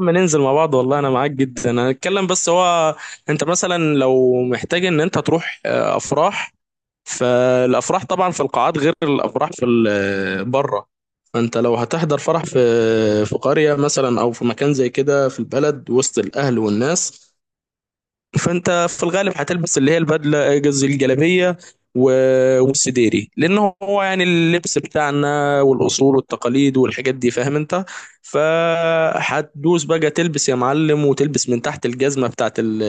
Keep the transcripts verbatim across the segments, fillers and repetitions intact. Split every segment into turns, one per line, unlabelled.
اما ننزل مع بعض والله انا معاك جدا. انا اتكلم بس هو انت مثلا لو محتاج ان انت تروح آه، افراح. فالافراح طبعا في القاعات غير الافراح في ال- بره. فانت لو هتحضر فرح في آه، في قرية مثلا او في مكان زي كده في البلد وسط الاهل والناس. فانت في الغالب هتلبس اللي هي البدله، قصدي الجلابيه و- والسديري، لان هو يعني اللبس بتاعنا والاصول والتقاليد والحاجات دي، فاهم انت؟ فهتدوس بقى تلبس يا معلم، وتلبس من تحت الجزمه بتاعت ال-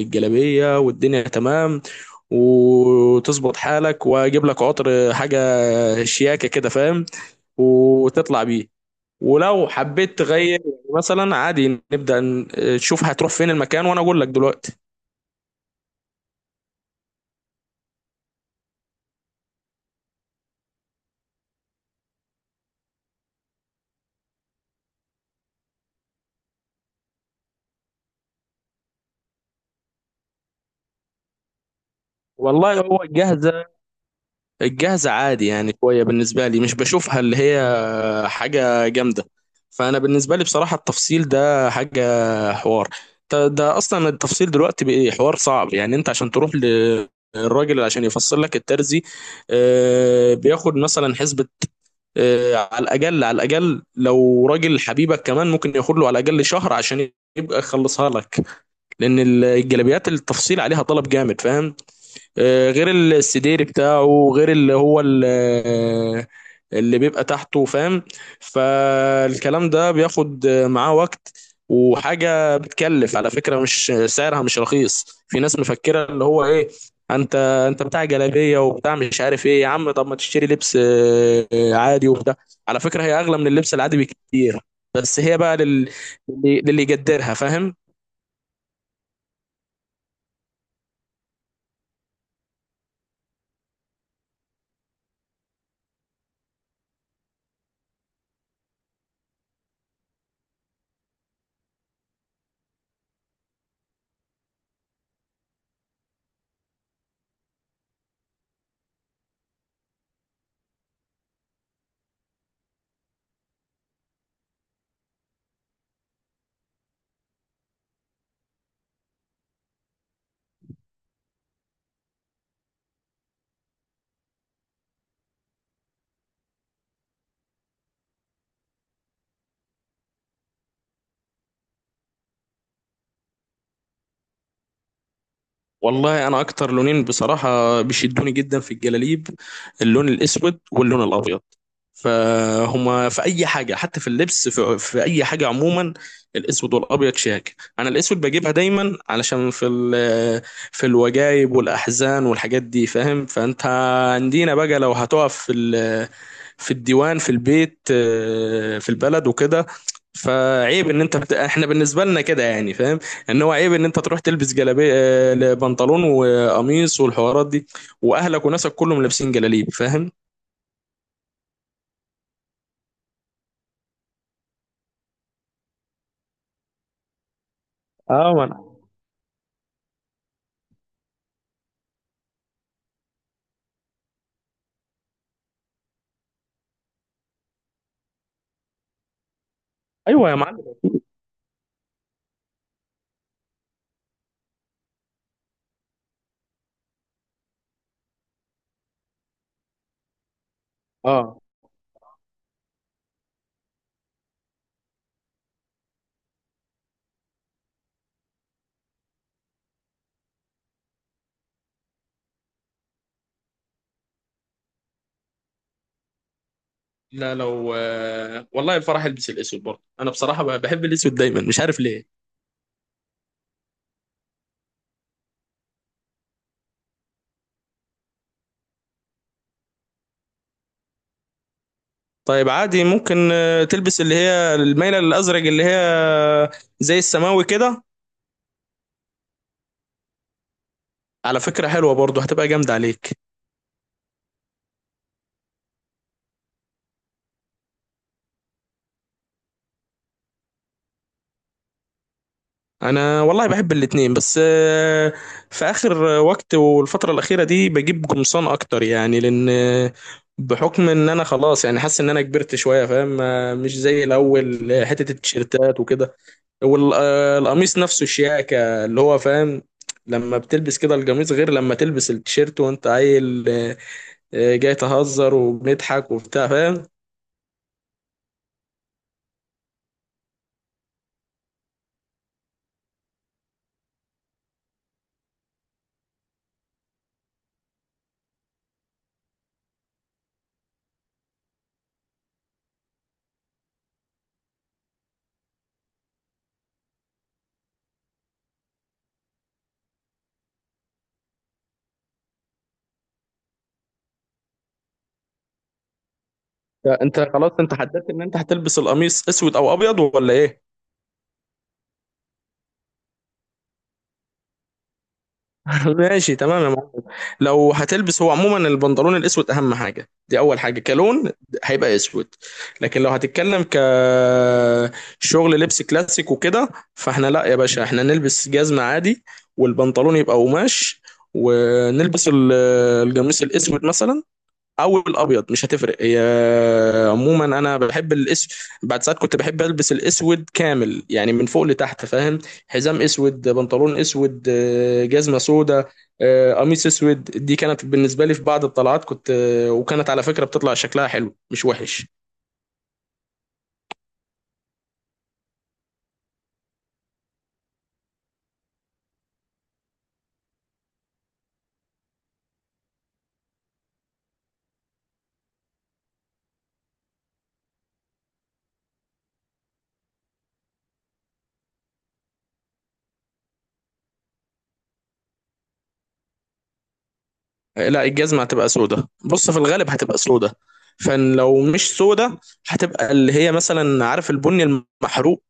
الجلابيه والدنيا تمام. وتظبط حالك واجيب لك عطر، حاجه شياكه كده، فاهم؟ وتطلع بيه. ولو حبيت تغير يعني مثلا عادي نبدأ ن- تشوف هتروح فين المكان وانا اقول لك دلوقتي. والله هو الجاهزة، الجاهزة عادي يعني شوية بالنسبة لي، مش بشوفها اللي هي حاجة جامدة. فأنا بالنسبة لي بصراحة التفصيل ده حاجة حوار. ده, ده أصلا التفصيل دلوقتي بقى حوار صعب. يعني أنت عشان تروح للراجل عشان يفصل لك الترزي، آه، بياخد مثلا حسبة آه، على الأقل، على الأقل لو راجل حبيبك كمان ممكن ياخد له على الأقل شهر عشان يبقى يخلصها لك، لأن الجلابيات التفصيل عليها طلب جامد، فاهم؟ آه، غير السدير بتاعه، غير اللي هو ال- آه، اللي بيبقى تحته، فاهم؟ فالكلام ده بياخد آه، معاه وقت، وحاجة بتكلف على فكرة، مش سعرها مش رخيص. في ناس مفكرة اللي هو ايه، انت انت بتاع جلابية وبتاع مش عارف ايه، يا عم طب ما تشتري لبس آه، آه، عادي وبتاع. على فكرة هي اغلى من اللبس العادي بكتير، بس هي بقى لل... للي، للي يقدرها فاهم. والله انا اكتر لونين بصراحه بيشدوني جدا في الجلاليب، اللون الاسود واللون الابيض. فهما في اي حاجه حتى في اللبس في, في اي حاجه عموما الاسود والابيض شياك. انا الاسود بجيبها دايما علشان في ال- في الوجايب والاحزان والحاجات دي، فاهم؟ فانت عندنا بقى لو هتقف في ال- في الديوان في البيت آه، في البلد وكده، فعيب ان انت بت... احنا بالنسبه لنا كده يعني، فاهم؟ ان هو عيب ان انت تروح تلبس جلابيه، آه، بنطلون وقميص والحوارات دي، واهلك وناسك كلهم لابسين جلاليب، فاهم؟ اه ما انا ايوه يا معلم. اه لا، لو آه، والله الفرح البس الاسود برضه. انا بصراحه ب- بحب الاسود دايما، مش عارف ليه. طيب عادي ممكن آه، تلبس اللي هي المايله الازرق، اللي هي آه، زي السماوي كده، على فكره حلوه برضه، هتبقى جامده عليك. انا والله بحب الاتنين، بس آه، في اخر وقت والفتره الاخيره دي بجيب قمصان اكتر، يعني لان آه، بحكم ان انا خلاص يعني حاسس ان انا كبرت شويه، فاهم؟ آه، مش زي الاول آه، حته التيشيرتات وكده. والقميص نفسه شياكة اللي هو، فاهم؟ لما بتلبس كده القميص غير لما تلبس التيشيرت وانت عيل، آه، آه، جاي تهزر وبنضحك وبتاع، فاهم؟ انت خلاص انت حددت ان انت هتلبس القميص اسود او ابيض ولا ايه؟ ماشي تمام يا معلم. لو هتلبس هو عموما البنطلون الاسود اهم حاجه، دي اول حاجه كلون، هيبقى اسود. لكن لو هتتكلم ك شغل لبس كلاسيك وكده، فاحنا لا يا باشا، احنا نلبس جزمه عادي والبنطلون يبقى قماش، ونلبس ال- القميص الاسود مثلا او الابيض، مش هتفرق هي. عموما انا بحب الاسود. بعد ساعات كنت بحب البس الاسود كامل يعني من فوق لتحت، فاهم؟ حزام اسود، بنطلون اسود، آه، جزمه سودا، آه، قميص اسود. دي كانت بالنسبه لي في بعض الطلعات كنت آه، وكانت على فكره بتطلع شكلها حلو مش وحش. آه، لا الجزمه هتبقى سودا، بص في الغالب هتبقى سودا. فلو مش سودا هتبقى اللي هي مثلا عارف البني المحروق،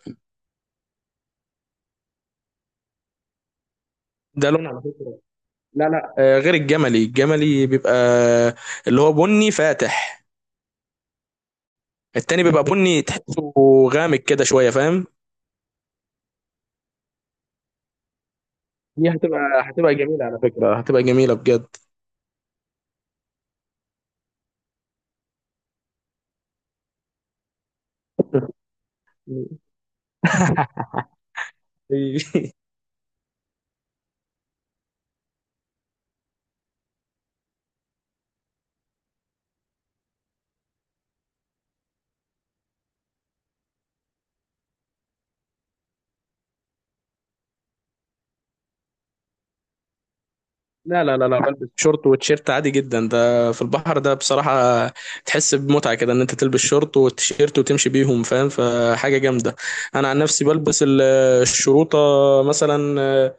ده لون على فكره. لا لا، آه، غير الجملي، الجملي بيبقى اللي هو بني فاتح، التاني بيبقى بني تحسه غامق كده شوية، فاهم؟ دي هتبقى هتبقى جميلة على فكرة، هتبقى جميلة بجد. لا لا لا لا، بلبس شورت وتيشيرت عادي جدا. ده في البحر ده بصراحة تحس بمتعة كده ان انت تلبس شورت وتيشيرت وتمشي بيهم، فاهم؟ فحاجة جامدة. انا عن نفسي بلبس ال- الشروطة مثلا، آه،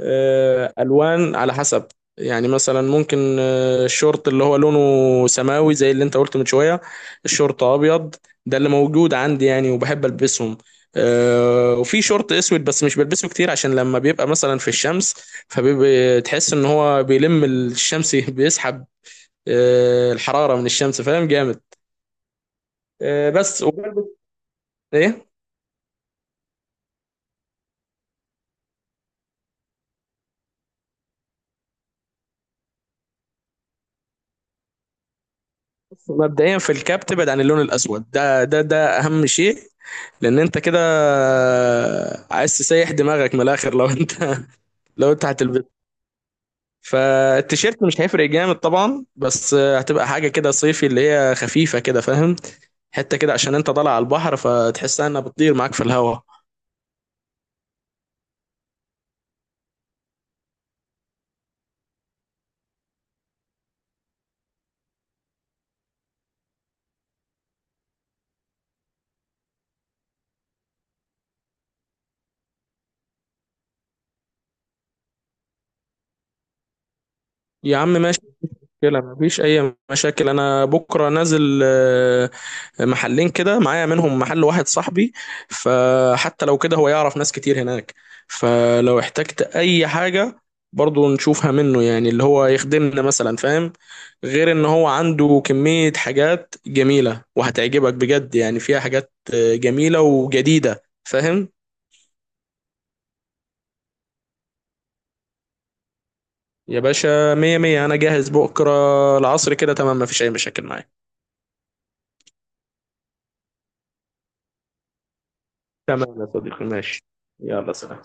آه، الوان على حسب. يعني مثلا ممكن آه، الشورت اللي هو لونه سماوي زي اللي انت قلت من شويه، الشورت ابيض، ده اللي موجود عندي يعني وبحب البسهم. آه، وفي شورت اسود بس مش بلبسه كتير، عشان لما بيبقى مثلا في الشمس فبتحس ان هو بيلم الشمس بيسحب آه، الحراره من الشمس، فاهم؟ جامد. آه، بس وبلبس ايه. مبدئيا في الكاب تبعد عن اللون الاسود ده، ده ده اهم شيء، لان انت كده عايز تسيح دماغك من الاخر لو انت لو انت هتلبسه. فالتيشيرت مش هيفرق جامد طبعا، بس هتبقى حاجه كده صيفي اللي هي خفيفه كده، فاهم؟ حته كده عشان انت طالع على البحر، فتحسها انها بتطير معاك في الهواء. يا عم ماشي، مشكلة، مفيش أي مشاكل. أنا بكرة نازل آه، محلين كده معايا، منهم محل واحد صاحبي، فحتى لو كده هو يعرف ناس كتير هناك، فلو احتجت أي حاجة برضو نشوفها منه يعني، اللي هو يخدمنا مثلا، فاهم؟ غير إن هو عنده كمية حاجات جميلة وهتعجبك بجد، يعني فيها حاجات آه، جميلة وجديدة، فاهم؟ يا باشا مية مية، أنا جاهز بكرة العصر كده تمام، مفيش أي مشاكل معايا. تمام يا صديقي ماشي. يلا سلام.